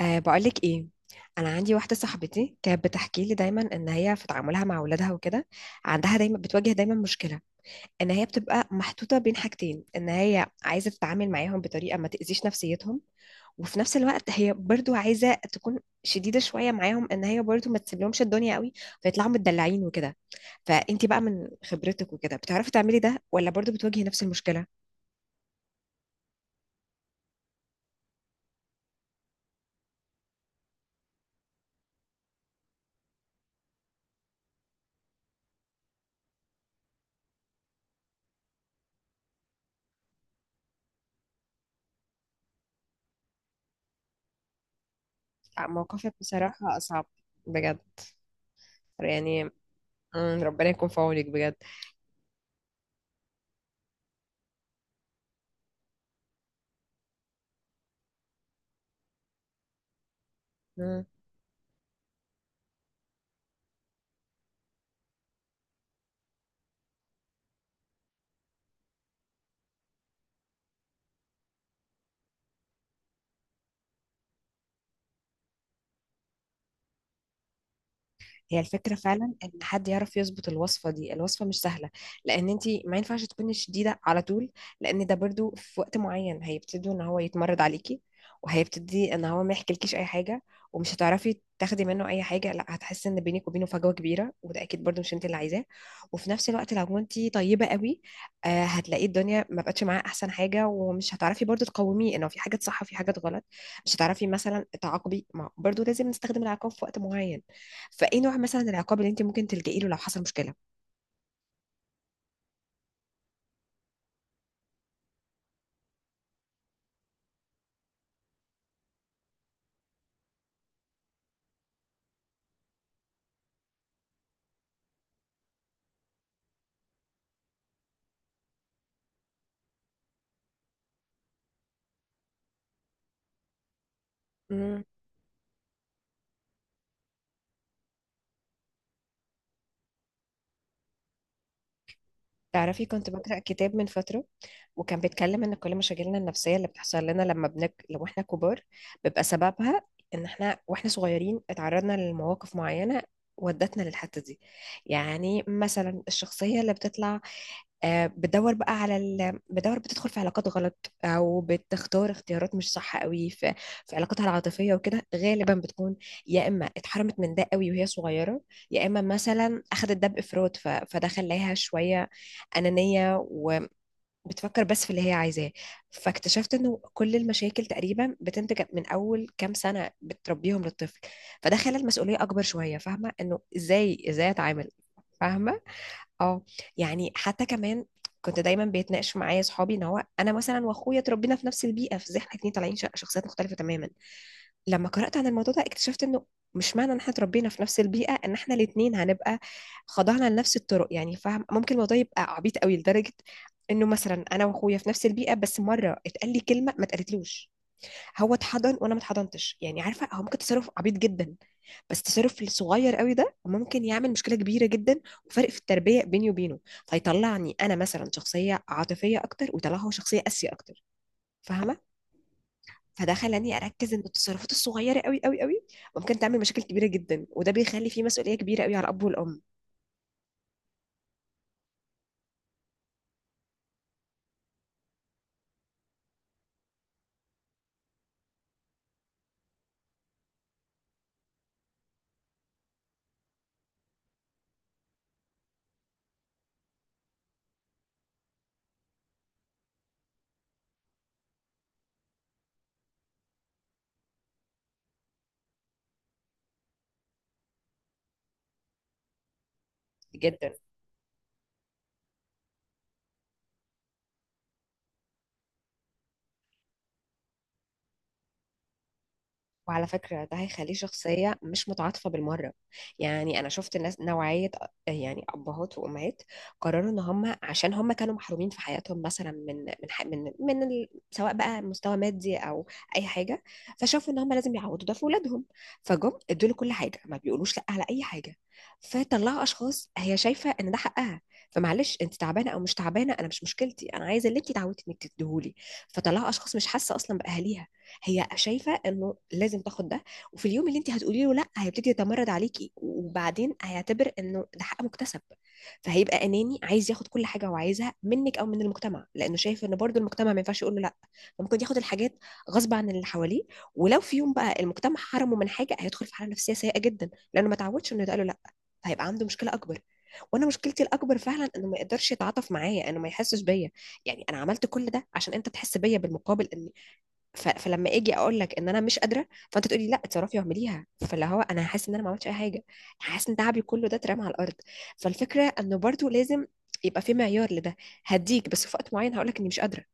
أه بقولك ايه، انا عندي واحده صاحبتي كانت بتحكي لي دايما ان هي في تعاملها مع اولادها وكده. عندها دايما بتواجه مشكله، ان هي بتبقى محطوطه بين حاجتين، ان هي عايزه تتعامل معاهم بطريقه ما تاذيش نفسيتهم، وفي نفس الوقت هي برضو عايزه تكون شديده شويه معاهم، ان هي برضو ما تسيبلهمش الدنيا قوي فيطلعوا متدلعين وكده. فانتي بقى من خبرتك وكده بتعرفي تعملي ده ولا برضو بتواجهي نفس المشكله؟ آه، موقفك بصراحه صعب بجد، يعني. مم، ربنا يكون في عونك بجد. مم. هي الفكرة فعلا ان حد يعرف يظبط الوصفة دي، الوصفة مش سهلة. لان انتي ما ينفعش تكوني شديدة على طول، لان ده برضو في وقت معين هيبتدوا ان هو يتمرد عليكي، وهيبتدي ان هو ما يحكيلكيش اي حاجة، ومش هتعرفي تاخدي منه اي حاجة، لا هتحسي ان بينك وبينه فجوة كبيرة، وده اكيد برضو مش انت اللي عايزاه. وفي نفس الوقت لو انتي طيبة قوي آه هتلاقي الدنيا ما بقتش معاه احسن حاجة، ومش هتعرفي برضو تقوميه انه في حاجات صح وفي حاجات غلط. مش هتعرفي مثلا تعاقبي، ما برضو لازم نستخدم العقاب في وقت معين. فايه نوع مثلا العقاب اللي انت ممكن تلجئي له لو حصل مشكله؟ مم. تعرفي كنت بقرا كتاب من فتره، وكان بيتكلم ان كل مشاكلنا النفسيه اللي بتحصل لنا لو احنا كبار، بيبقى سببها ان احنا واحنا صغيرين اتعرضنا لمواقف معينه ودتنا للحته دي. يعني مثلا الشخصيه اللي بتطلع آه، بتدور بقى على ال... بتدور بتدخل في علاقات غلط او بتختار اختيارات مش صح قوي في علاقاتها العاطفيه وكده غالبا بتكون يا اما اتحرمت من ده قوي وهي صغيره، يا اما مثلا اخدت ده بافراط فده خلاها شويه انانيه وبتفكر بس في اللي هي عايزاه. فاكتشفت انه كل المشاكل تقريبا بتنتج من اول كام سنه بتربيهم للطفل. فده خلى المسؤوليه اكبر شويه، فاهمه انه ازاي اتعامل. فاهمه؟ اه. يعني حتى كمان كنت دايما بيتناقش معايا اصحابي ان هو انا مثلا واخويا اتربينا في نفس البيئه، في زي احنا اتنين طالعين شخصيات مختلفه تماما. لما قرات عن الموضوع ده اكتشفت انه مش معنى ان احنا اتربينا في نفس البيئه ان احنا الاتنين هنبقى خضعنا لنفس الطرق، يعني فاهم ممكن الموضوع يبقى عبيط قوي لدرجه انه مثلا انا واخويا في نفس البيئه بس مره اتقال لي كلمه ما اتقالتلوش. هو اتحضن وانا ما اتحضنتش، يعني عارفه هو ممكن تصرف عبيط جدا، بس التصرف الصغير قوي ده ممكن يعمل مشكله كبيره جدا، وفرق في التربيه بيني وبينه فيطلعني انا مثلا شخصيه عاطفيه اكتر ويطلعه هو شخصيه قاسيه اكتر. فاهمه؟ فده خلاني اركز ان التصرفات الصغيره قوي قوي قوي ممكن تعمل مشاكل كبيره جدا، وده بيخلي فيه مسؤوليه كبيره قوي على الاب والام. جدا. وعلى فكرة ده هيخليه شخصية مش متعاطفة بالمرة. يعني أنا شفت ناس نوعية، يعني أبهات وأمهات قرروا إن هم عشان هم كانوا محرومين في حياتهم مثلا من من ح- من من ال... سواء بقى مستوى مادي أو أي حاجة، فشافوا إن هم لازم يعوضوا ده في أولادهم، فجم ادوا له كل حاجة ما بيقولوش لأ على أي حاجة. فطلعوا أشخاص هي شايفة إن ده حقها، فمعلش انت تعبانه او مش تعبانه، انا مش مشكلتي، انا عايزه اللي انت اتعودتي انك تديهولي. فطلعوا اشخاص مش حاسه اصلا باهاليها، هي شايفه انه لازم تاخد ده. وفي اليوم اللي انت هتقولي له لا هيبتدي يتمرد عليكي، وبعدين هيعتبر انه ده حق مكتسب، فهيبقى اناني عايز ياخد كل حاجه هو عايزها منك او من المجتمع، لانه شايف ان برضو المجتمع ما ينفعش يقول له لا. فممكن ياخد الحاجات غصب عن اللي حواليه. ولو في يوم بقى المجتمع حرمه من حاجه هيدخل في حاله نفسيه سيئه جدا لانه ما تعودش انه يتقال له لا، فهيبقى عنده مشكله اكبر. وانا مشكلتي الاكبر فعلا انه ما يقدرش يتعاطف معايا، انه ما يحسش بيا. يعني انا عملت كل ده عشان انت تحس بيا بالمقابل، ان فلما اجي اقول لك ان انا مش قادره، فانت تقولي لا اتصرفي واعمليها، فاللي هو انا حاسس ان انا ما عملتش اي حاجه، حاسس ان تعبي كله ده اترمى على الارض. فالفكره انه برضو لازم يبقى في معيار لده، هديك بس في وقت معين هقول لك اني مش قادره،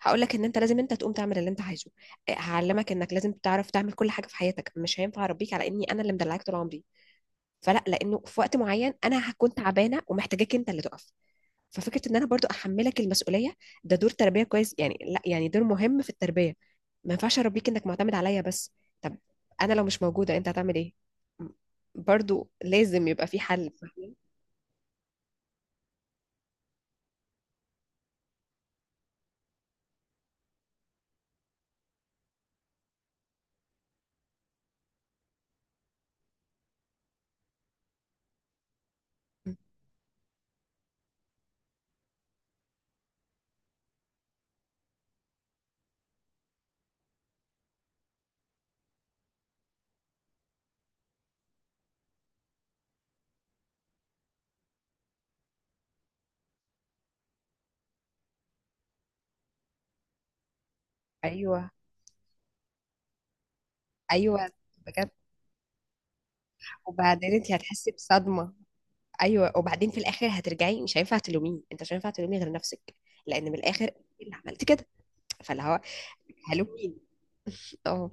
هقول لك ان انت لازم انت تقوم تعمل اللي انت عايزه، هعلمك انك لازم تعرف تعمل كل حاجه في حياتك، مش هينفع اربيك على اني انا اللي مدلعاك طول عمري، فلا، لانه في وقت معين انا هكون تعبانه ومحتاجاك انت اللي تقف. ففكره ان انا برضو احملك المسؤوليه، ده دور تربيه كويس، يعني لا، يعني دور مهم في التربيه. ما ينفعش اربيك انك معتمد عليا بس. طب انا لو مش موجوده انت هتعمل ايه؟ م- برضو لازم يبقى في حل، فاهمين؟ م. ايوه. ايوه، بجد. وبعدين انت هتحسي بصدمه. ايوه، وبعدين في الاخر هترجعي، مش هينفع تلوميه، انت مش هينفع تلومي غير نفسك، لان من الاخر إيه اللي عملت كده؟ فاللي هو هلوم مين؟ اه.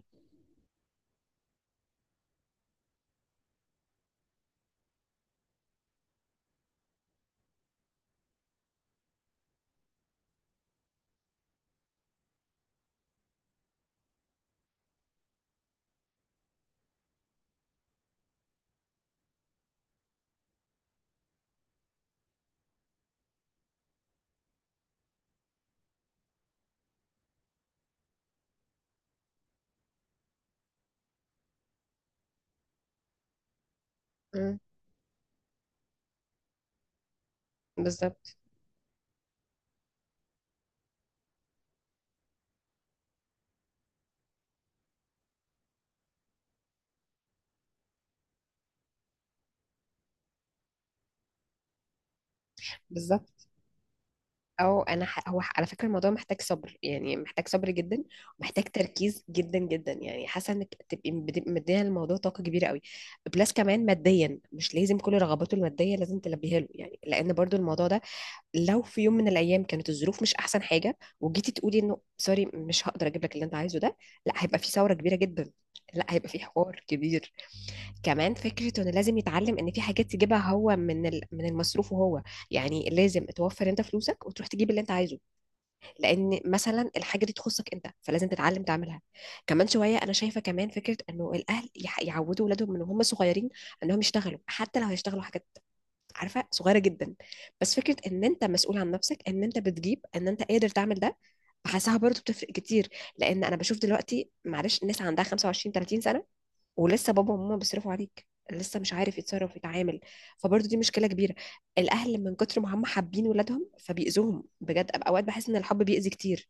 م. بالظبط. بالظبط. او انا ح... هو ح- على فكره الموضوع محتاج صبر، يعني محتاج صبر جدا، ومحتاج تركيز جدا جدا، يعني حاسه انك تبقي مديه للموضوع طاقه كبيره قوي. بلس كمان ماديا مش لازم كل رغباته الماديه لازم تلبيها له، يعني لان برضو الموضوع ده لو في يوم من الايام كانت الظروف مش احسن حاجه، وجيتي تقولي انه سوري مش هقدر اجيب لك اللي انت عايزه ده، لا هيبقى في ثوره كبيره جدا، لا هيبقى في حوار كبير. كمان فكره انه لازم يتعلم ان في حاجات يجيبها هو من المصروف، وهو يعني لازم توفر انت فلوسك وتروح تجيب اللي انت عايزه، لان مثلا الحاجه دي تخصك انت فلازم تتعلم تعملها. كمان شويه انا شايفه كمان فكره انه الاهل يعودوا اولادهم من هم صغيرين انهم يشتغلوا، حتى لو هيشتغلوا حاجات عارفه صغيره جدا، بس فكره ان انت مسؤول عن نفسك، ان انت بتجيب، ان انت قادر تعمل ده، بحسها برضه بتفرق كتير. لان انا بشوف دلوقتي معلش الناس عندها 25 30 سنه، ولسه بابا وماما بيصرفوا عليك، لسه مش عارف يتصرف يتعامل، فبرضه دي مشكله كبيره. الاهل من كتر ما هم حابين ولادهم فبيأذوهم بجد، اوقات بحس ان الحب بيأذي كتير،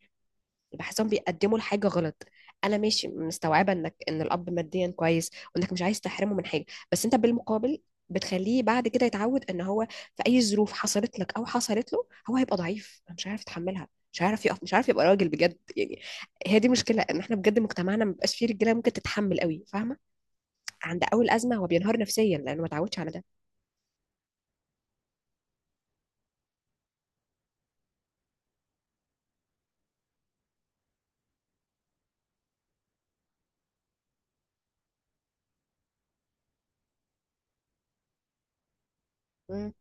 بحسهم بيقدموا الحاجة غلط. انا ماشي مستوعبة انك ان الاب ماديا كويس، وانك مش عايز تحرمه من حاجة، بس انت بالمقابل بتخليه بعد كده يتعود ان هو في اي ظروف حصلت لك او حصلت له هو هيبقى ضعيف، مش عارف يتحملها، مش عارف يقف، مش عارف يبقى راجل بجد يعني. هي دي مشكلة ان احنا بجد مجتمعنا ما بيبقاش فيه رجالة ممكن تتحمل قوي، فاهمة؟ عند اول ازمة هو بينهار نفسيا لانه ما اتعودش على ده. مم،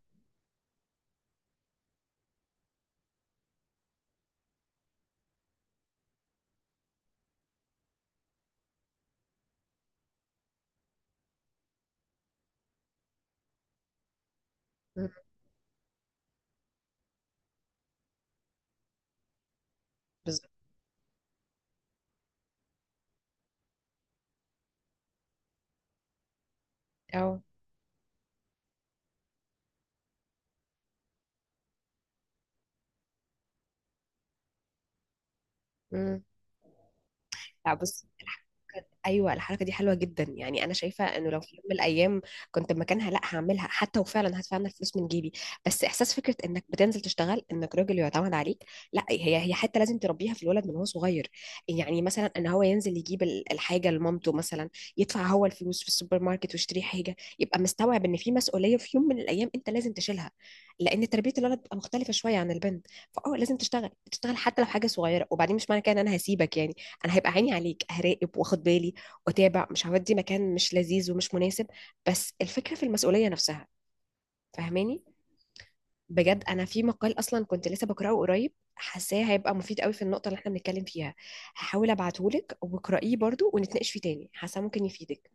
مم، بالظبط. اه. مم. لا بص الحركة- ايوه الحركه دي حلوه جدا، يعني انا شايفه انه لو في يوم من الايام كنت مكانها لا هعملها، حتى وفعلا هدفع انا الفلوس من جيبي، بس احساس فكره انك بتنزل تشتغل انك راجل يعتمد عليك، لا هي هي حتى لازم تربيها في الولد من هو صغير. يعني مثلا ان هو ينزل يجيب الحاجه لمامته مثلا، يدفع هو الفلوس في السوبر ماركت ويشتري حاجه، يبقى مستوعب ان في مسؤوليه في يوم من الايام انت لازم تشيلها. لان تربيه الولد بتبقى مختلفه شويه عن البنت، فاه لازم تشتغل تشتغل حتى لو حاجه صغيره. وبعدين مش معنى كده ان انا هسيبك، يعني انا هيبقى عيني عليك، هراقب واخد بالي واتابع، مش هودي مكان مش لذيذ ومش مناسب، بس الفكره في المسؤوليه نفسها. فاهماني؟ بجد انا في مقال اصلا كنت لسه بقراه قريب، حاساه هيبقى مفيد قوي في النقطه اللي احنا بنتكلم فيها، هحاول ابعتهولك واقرأيه برضو ونتناقش فيه تاني، حاسه ممكن يفيدك.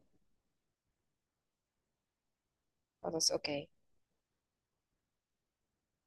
خلاص اوكي.